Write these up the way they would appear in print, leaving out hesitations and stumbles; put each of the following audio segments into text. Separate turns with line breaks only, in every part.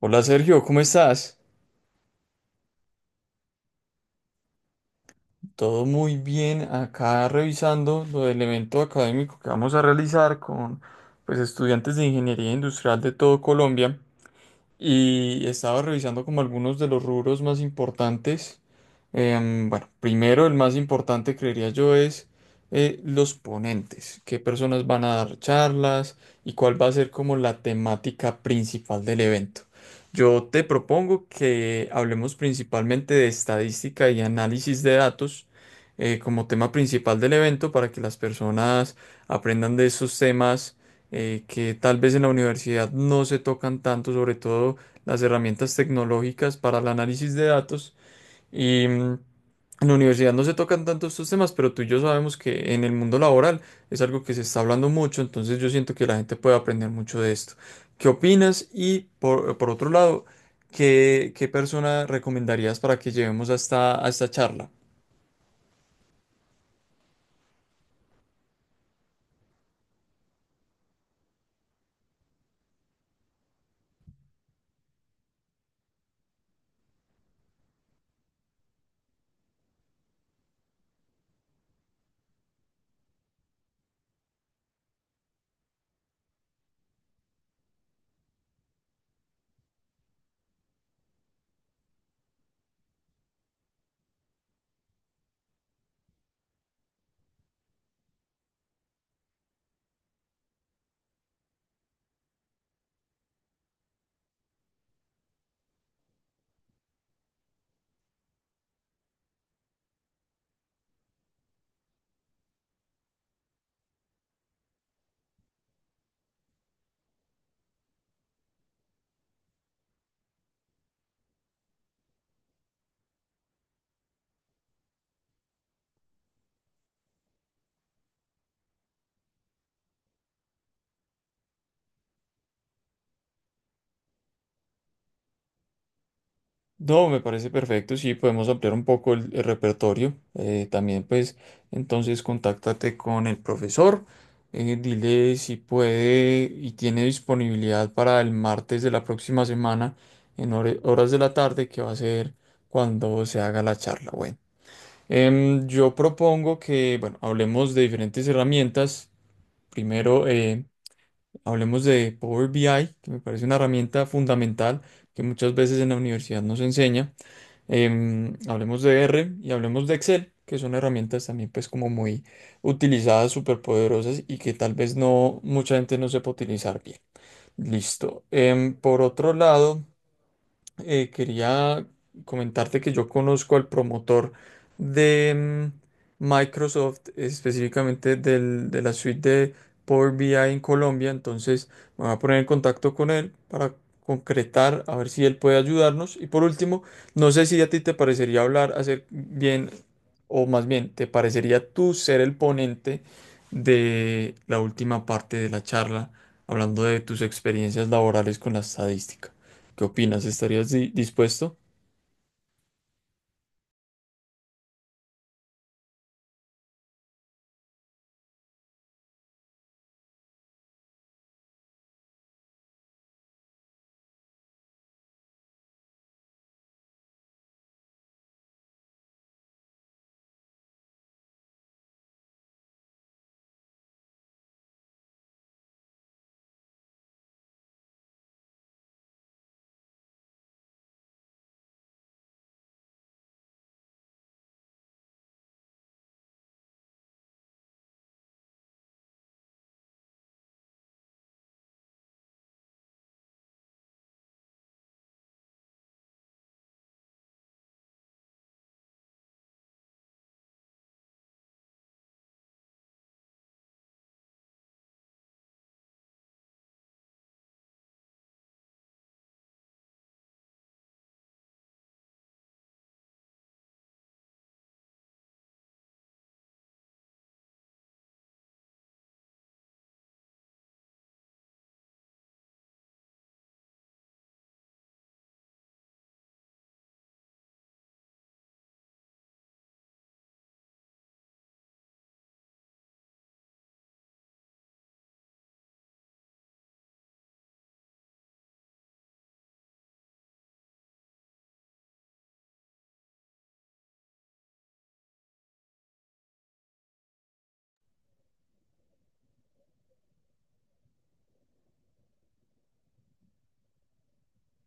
Hola Sergio, ¿cómo estás? Todo muy bien, acá revisando lo del evento académico que vamos a realizar con pues estudiantes de ingeniería industrial de todo Colombia. Y estaba revisando como algunos de los rubros más importantes. Bueno, primero el más importante creería yo es los ponentes, qué personas van a dar charlas y cuál va a ser como la temática principal del evento. Yo te propongo que hablemos principalmente de estadística y análisis de datos como tema principal del evento para que las personas aprendan de esos temas que tal vez en la universidad no se tocan tanto, sobre todo las herramientas tecnológicas para el análisis de datos. Y mm, en la universidad no se tocan tanto estos temas, pero tú y yo sabemos que en el mundo laboral es algo que se está hablando mucho, entonces yo siento que la gente puede aprender mucho de esto. ¿Qué opinas? Y por otro lado, ¿qué persona recomendarías para que llevemos hasta esta a esta charla? No, me parece perfecto. Sí, podemos ampliar un poco el repertorio. También, pues, entonces, contáctate con el profesor. Dile si puede y tiene disponibilidad para el martes de la próxima semana en horas de la tarde, que va a ser cuando se haga la charla. Bueno, yo propongo que, bueno, hablemos de diferentes herramientas. Primero, hablemos de Power BI, que me parece una herramienta fundamental que muchas veces en la universidad nos enseña. Hablemos de R y hablemos de Excel, que son herramientas también pues como muy utilizadas, súper poderosas y que tal vez no mucha gente no sepa utilizar bien. Listo. Por otro lado quería comentarte que yo conozco al promotor de Microsoft, específicamente de la suite de Power BI en Colombia. Entonces me voy a poner en contacto con él para concretar, a ver si él puede ayudarnos. Y por último, no sé si a ti te parecería hablar, hacer bien, o más bien, ¿te parecería tú ser el ponente de la última parte de la charla, hablando de tus experiencias laborales con la estadística? ¿Qué opinas? ¿Estarías dispuesto?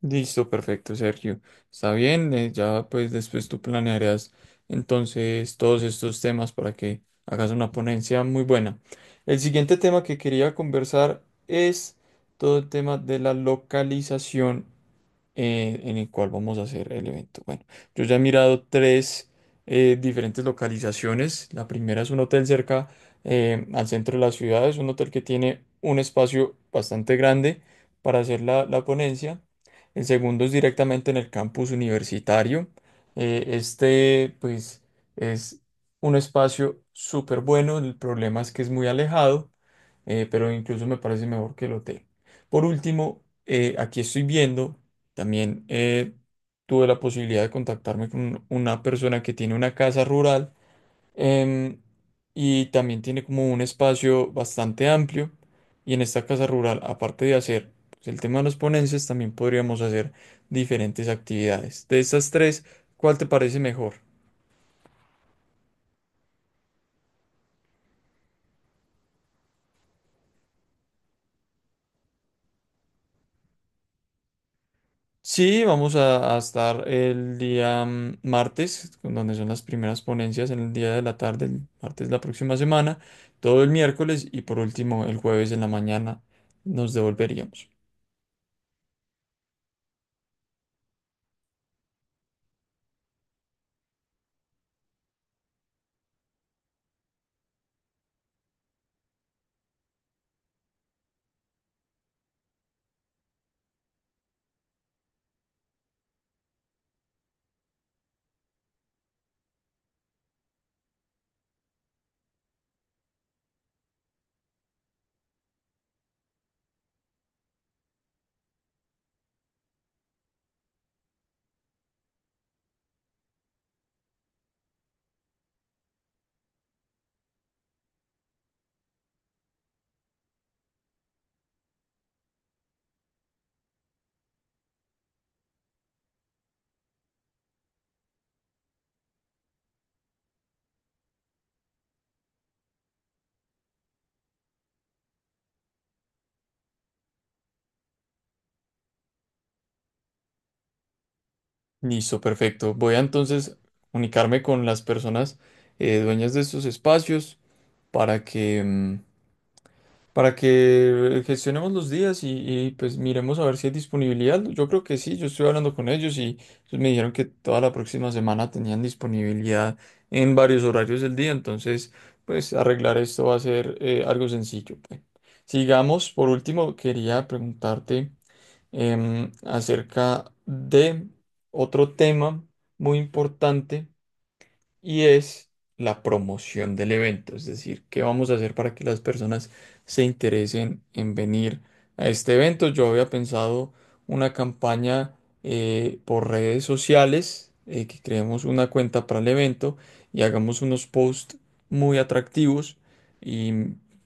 Listo, perfecto, Sergio. Está bien, ya pues después tú planearás entonces todos estos temas para que hagas una ponencia muy buena. El siguiente tema que quería conversar es todo el tema de la localización en el cual vamos a hacer el evento. Bueno, yo ya he mirado tres diferentes localizaciones. La primera es un hotel cerca al centro de la ciudad. Es un hotel que tiene un espacio bastante grande para hacer la ponencia. El segundo es directamente en el campus universitario. Este, pues, es un espacio súper bueno. El problema es que es muy alejado, pero incluso me parece mejor que el hotel. Por último, aquí estoy viendo también tuve la posibilidad de contactarme con una persona que tiene una casa rural em, y también tiene como un espacio bastante amplio. Y en esta casa rural, aparte de hacer pues, el tema de los ponencias, también podríamos hacer diferentes actividades. De estas tres, ¿cuál te parece mejor? Sí, vamos a estar el día martes, donde son las primeras ponencias, en el día de la tarde, el martes de la próxima semana, todo el miércoles y por último el jueves en la mañana nos devolveríamos. Listo, perfecto. Voy a entonces comunicarme con las personas dueñas de estos espacios para que para que gestionemos los días y, pues miremos a ver si hay disponibilidad. Yo creo que sí, yo estoy hablando con ellos y ellos me dijeron que toda la próxima semana tenían disponibilidad en varios horarios del día, entonces pues arreglar esto va a ser algo sencillo. Pues. Sigamos, por último, quería preguntarte acerca de otro tema muy importante y es la promoción del evento, es decir, qué vamos a hacer para que las personas se interesen en venir a este evento. Yo había pensado una campaña por redes sociales, que creemos una cuenta para el evento y hagamos unos posts muy atractivos y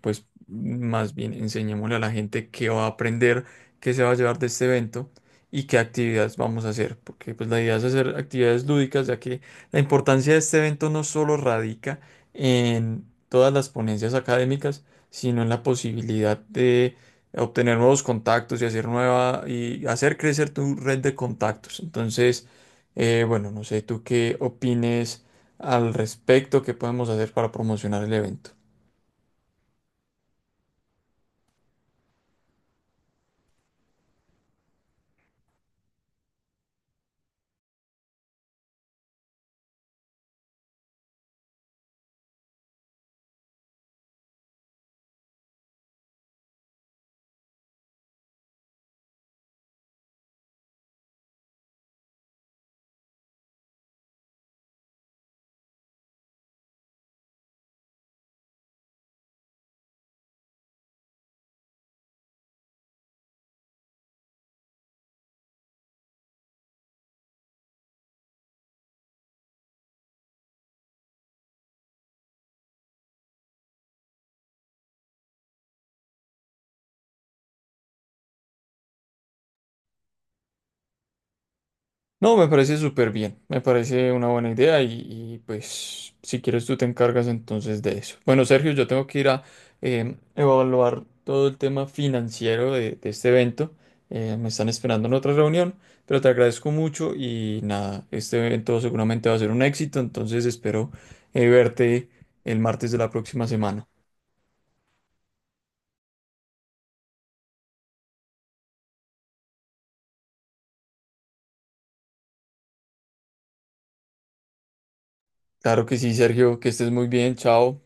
pues más bien enseñémosle a la gente qué va a aprender, qué se va a llevar de este evento. Y qué actividades vamos a hacer, porque pues la idea es hacer actividades lúdicas, ya que la importancia de este evento no solo radica en todas las ponencias académicas, sino en la posibilidad de obtener nuevos contactos y hacer nueva y hacer crecer tu red de contactos. Entonces, bueno, no sé tú qué opines al respecto, qué podemos hacer para promocionar el evento. No, me parece súper bien, me parece una buena idea y, pues si quieres tú te encargas entonces de eso. Bueno, Sergio, yo tengo que ir a evaluar todo el tema financiero de este evento. Me están esperando en otra reunión, pero te agradezco mucho y nada, este evento seguramente va a ser un éxito, entonces espero verte el martes de la próxima semana. Claro que sí, Sergio, que estés muy bien, chao.